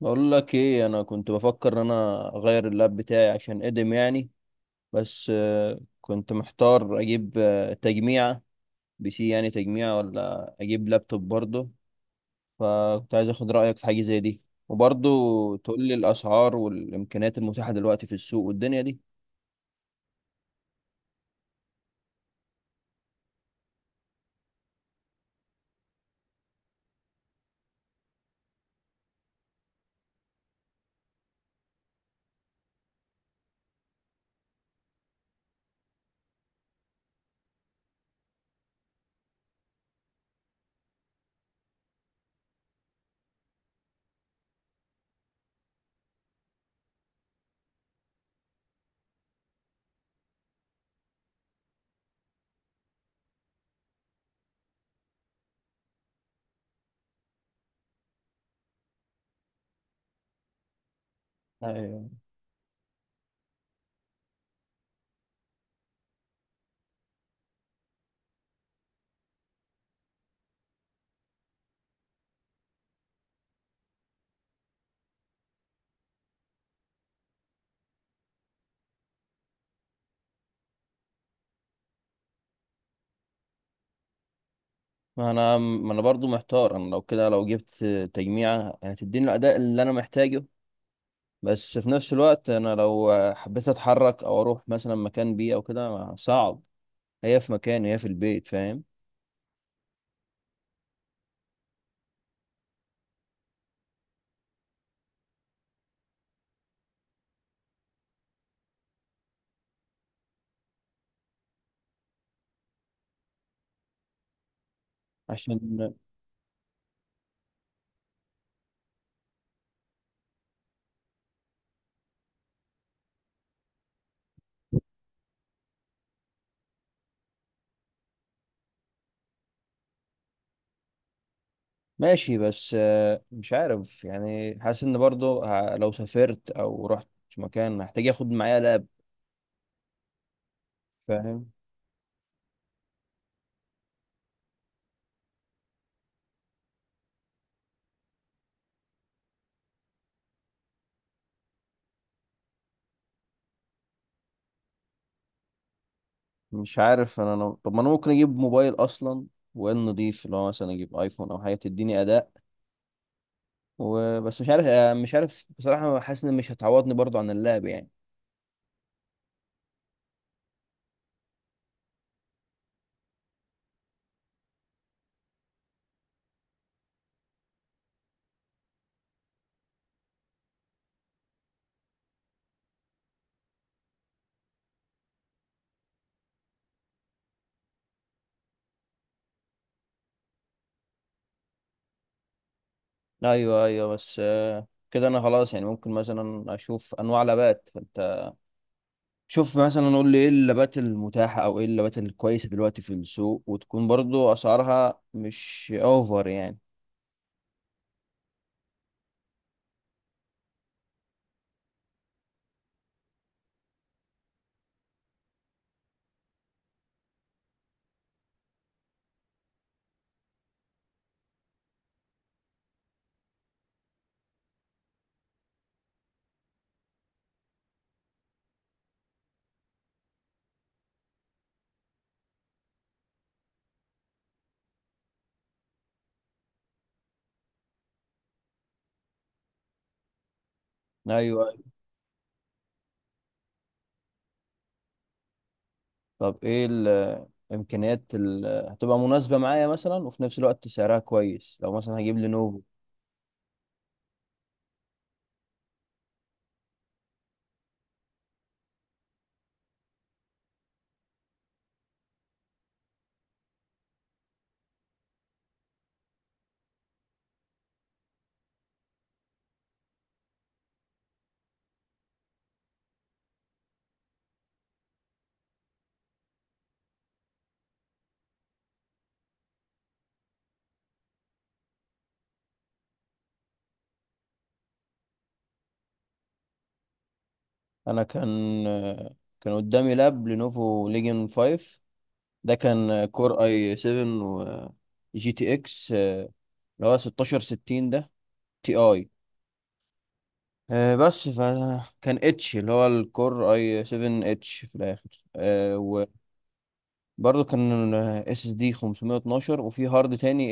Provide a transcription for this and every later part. بقول لك ايه، انا كنت بفكر ان انا اغير اللاب بتاعي عشان قدم يعني. بس كنت محتار اجيب تجميعة بي سي، يعني تجميعة ولا اجيب لابتوب برضه. فكنت عايز اخد رأيك في حاجة زي دي، وبرضه تقول لي الاسعار والامكانيات المتاحة دلوقتي في السوق والدنيا دي. ايوه. ما انا برضه محتار، انا لو كده، لو جبت تجميعة هتديني الاداء اللي انا محتاجه، بس في نفس الوقت انا لو حبيت اتحرك او اروح مثلا مكان بيه او كده صعب. هي في مكان، هي في البيت، فاهم. عشان. ماشي، بس مش عارف يعني، حاسس ان برضو لو سافرت او رحت مكان هحتاج اخد معايا لاب. فاهم. مش عارف طب ما انا ممكن اجيب موبايل اصلا، وان نضيف اللي هو مثلا اجيب ايفون او حاجه تديني اداء وبس. مش عارف بصراحه، حاسس ان مش هتعوضني برضو عن اللاب يعني. ايوه، ايوه، بس كده انا خلاص يعني، ممكن مثلا اشوف انواع لابات. شوف مثلا، نقول لي ايه اللابات المتاحة او ايه اللابات الكويسة دلوقتي في السوق، وتكون برضو اسعارها مش اوفر يعني. ايوه، أيوة. طب ايه الامكانيات اللي هتبقى مناسبة معايا مثلا، وفي نفس الوقت سعرها كويس، لو مثلا هجيب لينوفو. انا كان قدامي لاب لينوفو ليجن 5. ده كان كور اي 7، و جي تي اكس اللي هو 1660 ده تي اي. بس فكان اتش اللي هو الكور اي 7 اتش في الاخر. وبرضه كان اس اس دي 512، وفي هارد تاني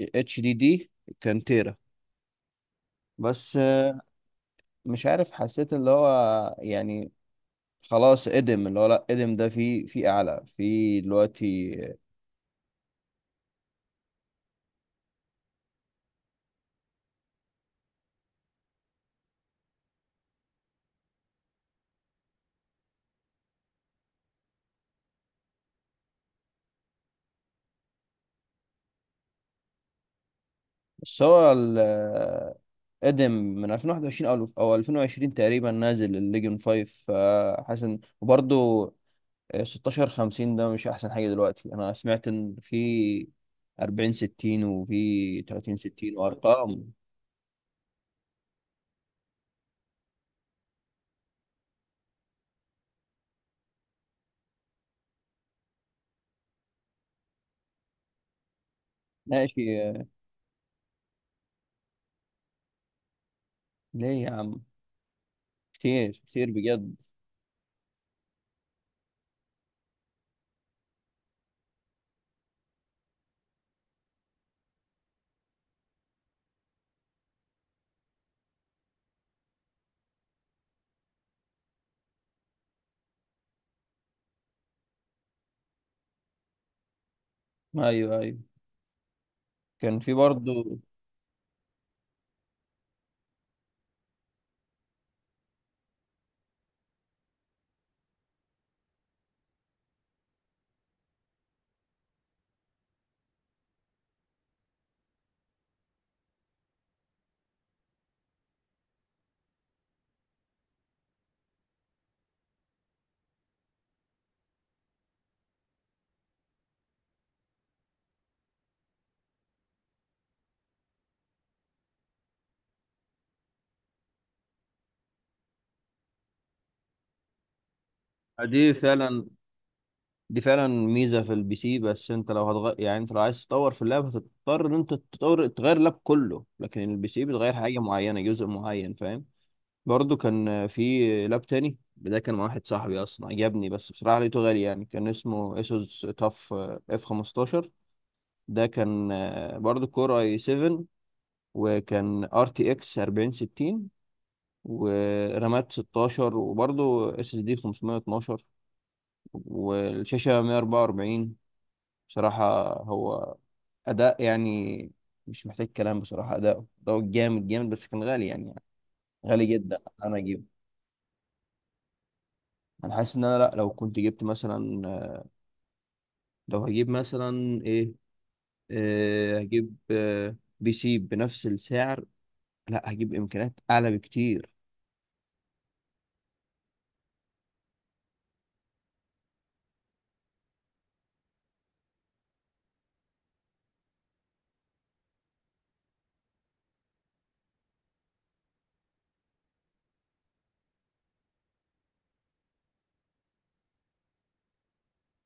اتش دي دي كان تيرا. بس مش عارف، حسيت اللي هو يعني خلاص ادم، اللي هو لا، ادم ده في اعلى في دلوقتي. بس هو ادم من 2021 او 2020 تقريبا، نازل الليجن 5. فحاسس وبرضه 16 50 ده مش احسن حاجه دلوقتي. انا سمعت ان في 40 60، وفي 30 60 وارقام. ماشي. ليه يا عم، كتير كتير بجد. ايوه، ايوه، كان في برضه. دي فعلا دي فعلا ميزه في البي سي، بس انت لو هتغير يعني، انت لو عايز تطور في اللاب هتضطر ان انت تطور تغير اللاب كله، لكن البي سي بتغير حاجه معينه، جزء معين، فاهم. برضو كان في لاب تاني ده، كان مع واحد صاحبي اصلا عجبني، بس بصراحه لقيته غالي يعني، كان اسمه اسوس تاف اف 15. ده كان برضو كور اي 7، وكان ار تي اكس 4060، ورامات 16، وبرضو اس اس دي 512، والشاشه 144. بصراحه هو اداء يعني مش محتاج كلام، بصراحه اداؤه ده جامد جامد، بس كان غالي يعني، غالي جدا انا اجيبه. انا حاسس ان انا، لا لو كنت جبت مثلا، لو هجيب مثلا ايه، هجيب بي سي بنفس السعر، لا هجيب امكانيات اعلى بكتير.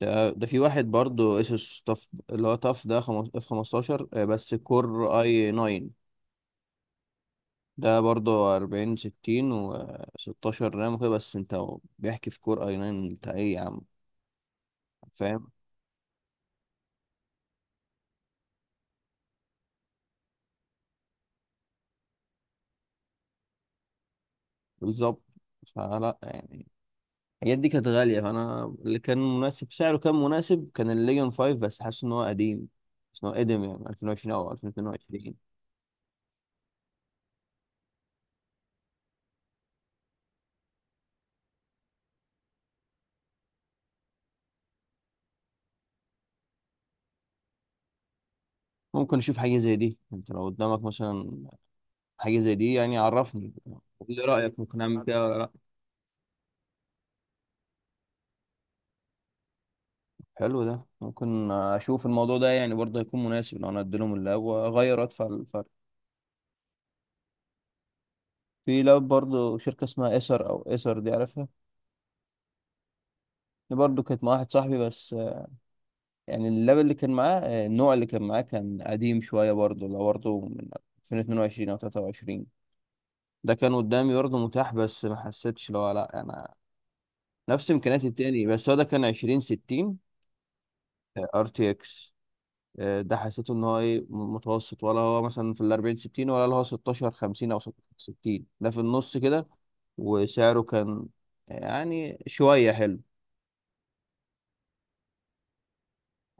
ده في واحد برضو اسوس طف، اللي هو طف ده اف 15. بس كور اي 9، ده برضو 40 60 و16 رام وكده، بس انت بيحكي في كور اي 9. انت ايه يا عم. فاهم. بالظبط. فلا يعني، الحاجات دي كانت غالية، فأنا اللي كان مناسب سعره، كان مناسب كان الليجن 5، بس حاسس إن هو قديم، حاسس إن هو قديم يعني 2020 أو 2022. ممكن أشوف حاجة زي دي، أنت لو قدامك مثلا حاجة زي دي يعني، عرفني قول لي رأيك ممكن أعمل كده ولا لأ. حلو، ده ممكن أشوف الموضوع ده يعني، برضه هيكون مناسب لو أنا أديلهم اللاب وأغير أدفع الفرق. في لاب برضه شركة اسمها إيسر أو إيسر، دي عارفها. دي برضه كانت مع واحد صاحبي، بس يعني اللاب اللي كان معاه، النوع اللي كان معاه كان قديم شوية، برضه لو برضه من 2022 أو 23. ده كان قدامي برضه متاح، بس ما حسيتش لو، لا أنا نفس إمكانيات التاني، بس هو ده كان 2060 ار تي اكس. ده حسيته إن هو إيه متوسط، ولا هو مثلا في ال 40 60، ولا اللي هو 16 50 أو 60 ده في النص كده، وسعره كان يعني شوية حلو.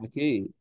أكيد.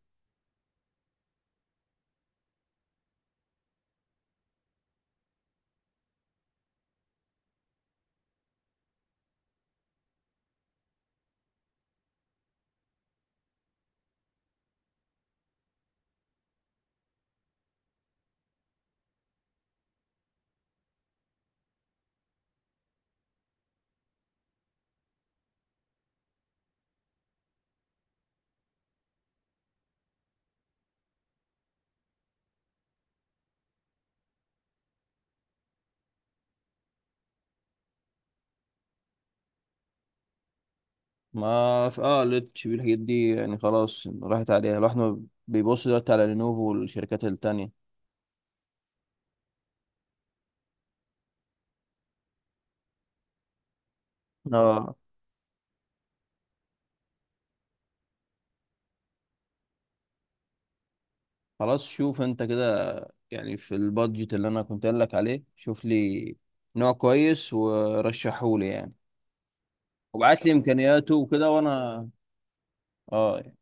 ما في ليد شيبي الحاجات دي يعني، خلاص راحت عليها، الواحد ما بيبص دلوقتي على لينوفو والشركات التانية. اه. خلاص شوف انت كده، يعني في البادجت اللي انا كنت قايل لك عليه، شوف لي نوع كويس ورشحه لي يعني، وابعت لي امكانياته وكده وانا اه يعني.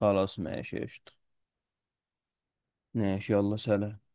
خلاص ماشي قشطة. ماشي يلا سلام.